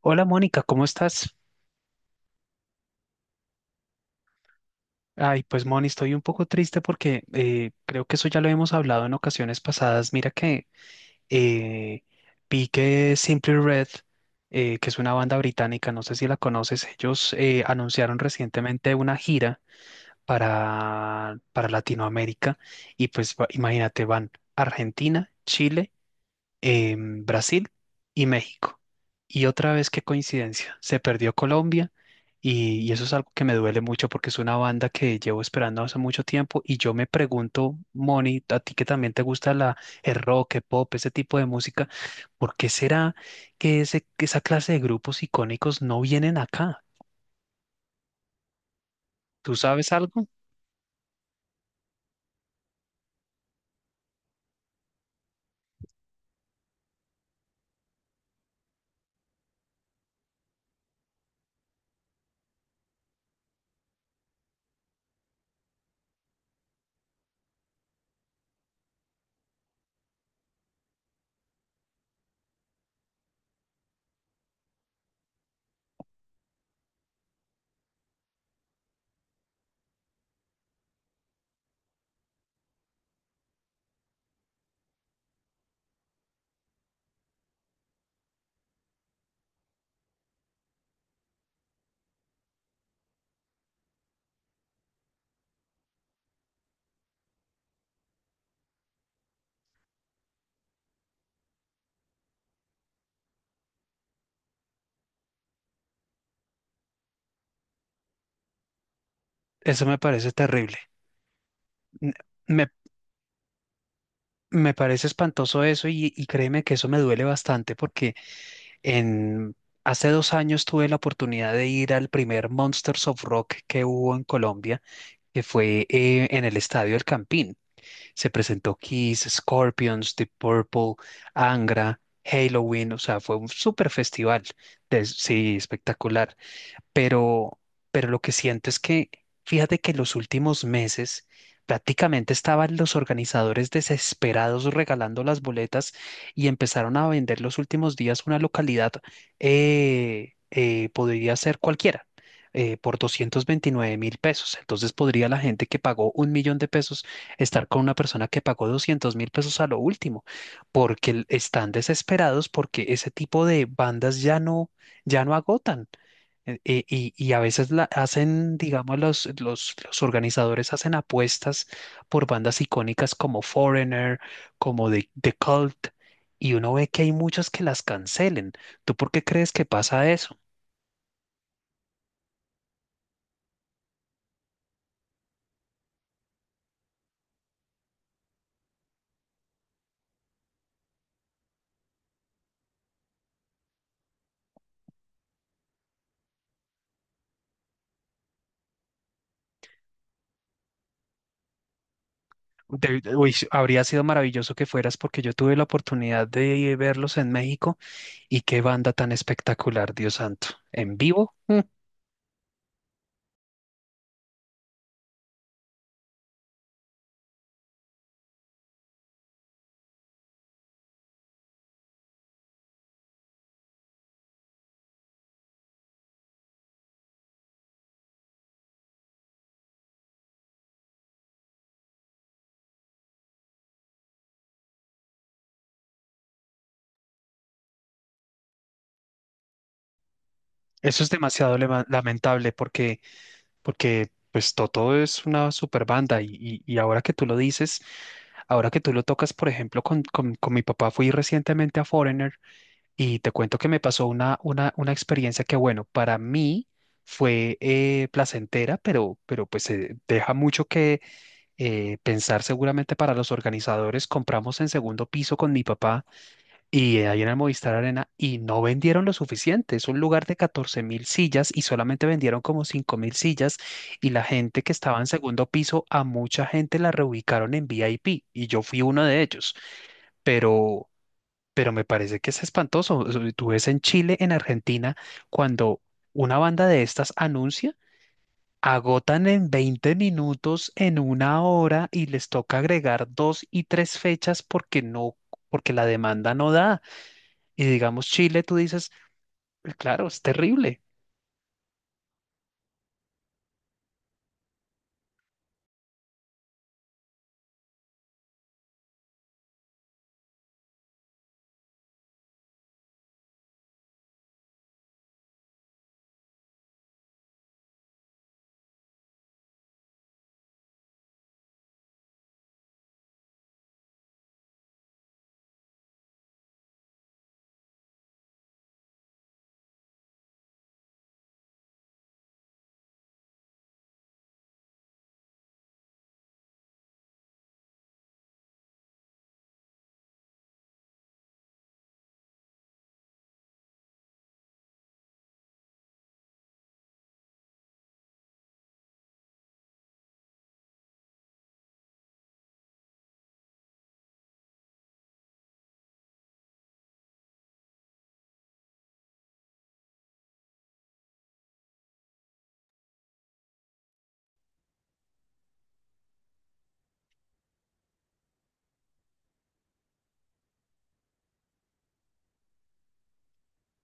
Hola Mónica, ¿cómo estás? Ay, pues Moni, estoy un poco triste porque creo que eso ya lo hemos hablado en ocasiones pasadas. Mira que eh, vi que Simply Red, que es una banda británica, no sé si la conoces. Ellos anunciaron recientemente una gira para Latinoamérica, y pues imagínate, van a Argentina, Chile, Brasil y México. Y otra vez, qué coincidencia, se perdió Colombia, y eso es algo que me duele mucho porque es una banda que llevo esperando hace mucho tiempo. Y yo me pregunto, Moni, a ti que también te gusta el rock, el pop, ese tipo de música, ¿por qué será que esa clase de grupos icónicos no vienen acá? ¿Tú sabes algo? Eso me parece terrible. N- Me, me parece espantoso eso, y créeme que eso me duele bastante porque En, hace 2 años tuve la oportunidad de ir al primer Monsters of Rock que hubo en Colombia, que fue en el Estadio El Campín. Se presentó Kiss, Scorpions, The Purple, Angra, Halloween. O sea, fue un super festival, sí, espectacular. Pero, pero lo que siento es que, fíjate, que los últimos meses prácticamente estaban los organizadores desesperados regalando las boletas, y empezaron a vender los últimos días una localidad, podría ser cualquiera, por 229.000 pesos. Entonces podría la gente que pagó un millón de pesos estar con una persona que pagó 200.000 pesos a lo último, porque están desesperados porque ese tipo de bandas ya no, ya no agotan. Y a veces la hacen, digamos, los organizadores hacen apuestas por bandas icónicas como Foreigner, como The Cult, y uno ve que hay muchas que las cancelen. ¿Tú por qué crees que pasa eso? Uy, habría sido maravilloso que fueras, porque yo tuve la oportunidad de verlos en México, y qué banda tan espectacular, Dios santo. En vivo. Eso es demasiado lamentable, porque pues Toto es una super banda, y ahora que tú lo dices, ahora que tú lo tocas. Por ejemplo, con mi papá fui recientemente a Foreigner, y te cuento que me pasó una experiencia que, bueno, para mí fue placentera, pero pues deja mucho que pensar seguramente para los organizadores. Compramos en segundo piso con mi papá, y ahí en el Movistar Arena, y no vendieron lo suficiente. Es un lugar de 14.000 sillas y solamente vendieron como 5.000 sillas. Y la gente que estaba en segundo piso, a mucha gente la reubicaron en VIP. Y yo fui uno de ellos. Pero, pero me parece que es espantoso. O sea, tú ves en Chile, en Argentina, cuando una banda de estas anuncia, agotan en 20 minutos, en una hora, y les toca agregar dos y tres fechas, porque no, porque la demanda no da. Y digamos Chile, tú dices: "Pues claro, es terrible."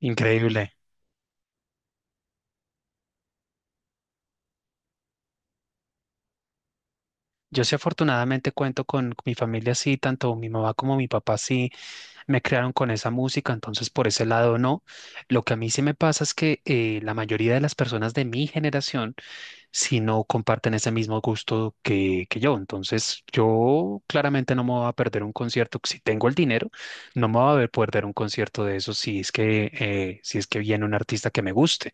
Increíble. Yo sí, afortunadamente, cuento con mi familia así. Tanto mi mamá como mi papá sí me crearon con esa música, entonces por ese lado no. Lo que a mí sí me pasa es que la mayoría de las personas de mi generación sí no comparten ese mismo gusto que yo. Entonces yo claramente no me voy a perder un concierto, si tengo el dinero. No me voy a ver perder un concierto de eso, si es que, si es que viene un artista que me guste.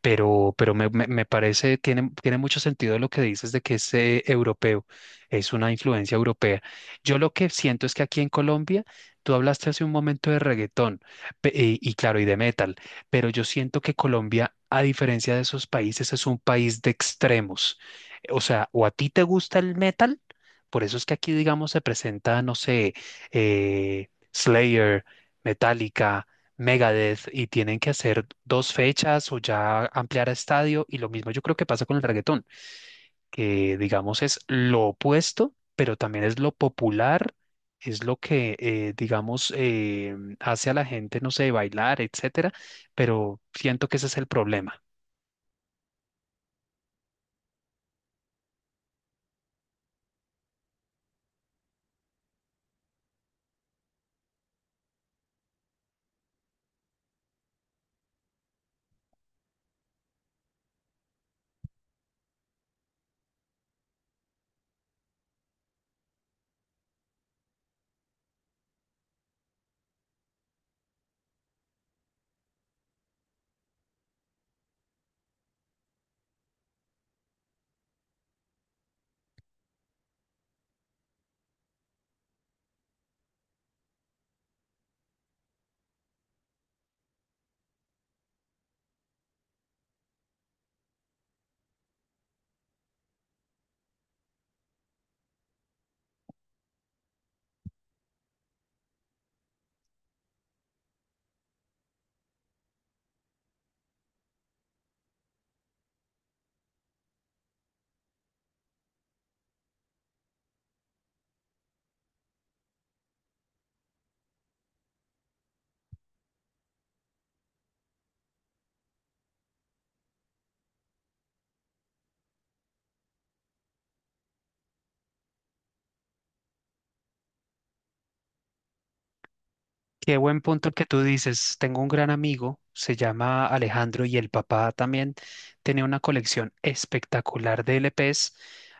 Pero me parece, tiene mucho sentido lo que dices, de que es europeo, es una influencia europea. Yo lo que siento es que aquí en Colombia, tú hablaste hace un momento de reggaetón, y claro, y de metal. Pero yo siento que Colombia, a diferencia de esos países, es un país de extremos. O sea, o a ti te gusta el metal, por eso es que aquí, digamos, se presenta, no sé, Slayer, Metallica, Megadeth, y tienen que hacer dos fechas o ya ampliar a estadio. Y lo mismo yo creo que pasa con el reggaetón, que digamos es lo opuesto, pero también es lo popular. Es lo que digamos, hace a la gente, no sé, bailar, etcétera, pero siento que ese es el problema. Qué buen punto el que tú dices. Tengo un gran amigo, se llama Alejandro, y el papá también tenía una colección espectacular de LPs.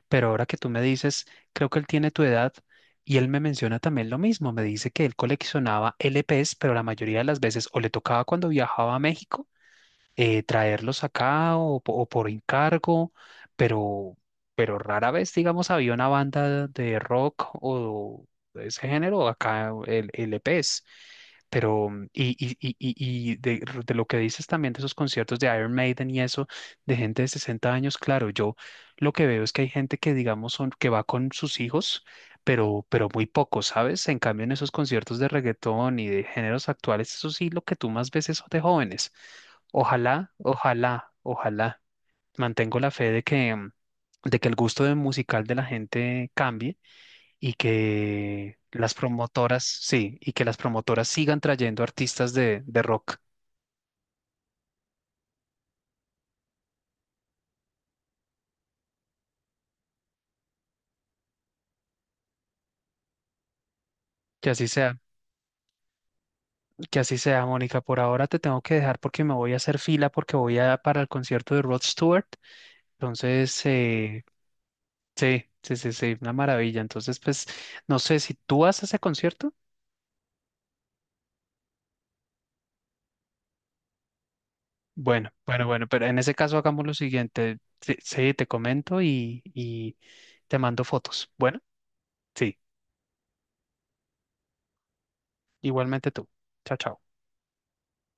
Pero ahora que tú me dices, creo que él tiene tu edad, y él me menciona también lo mismo. Me dice que él coleccionaba LPs, pero la mayoría de las veces o le tocaba cuando viajaba a México traerlos acá, o por encargo. Pero, rara vez, digamos, había una banda de rock o de ese género acá, el EPs. Pero, y de lo que dices también de esos conciertos de Iron Maiden y eso, de gente de 60 años, claro, yo lo que veo es que hay gente que, digamos, son, que va con sus hijos, pero muy poco, ¿sabes? En cambio, en esos conciertos de reggaetón y de géneros actuales, eso sí, lo que tú más ves es de jóvenes. Ojalá, ojalá, ojalá. Mantengo la fe de que, de que el gusto de musical de la gente cambie, y que las promotoras, sí, y que las promotoras sigan trayendo artistas de rock. Que así sea, que así sea, Mónica. Por ahora te tengo que dejar porque me voy a hacer fila porque voy a para el concierto de Rod Stewart. Entonces, sí, sí, sí, sí, una maravilla. Entonces, pues, no sé si tú vas a ese concierto. Bueno, bueno, bueno, pero en ese caso hagamos lo siguiente. Sí, sí, te comento, y te mando fotos. Bueno, sí, igualmente tú. Chao, chao.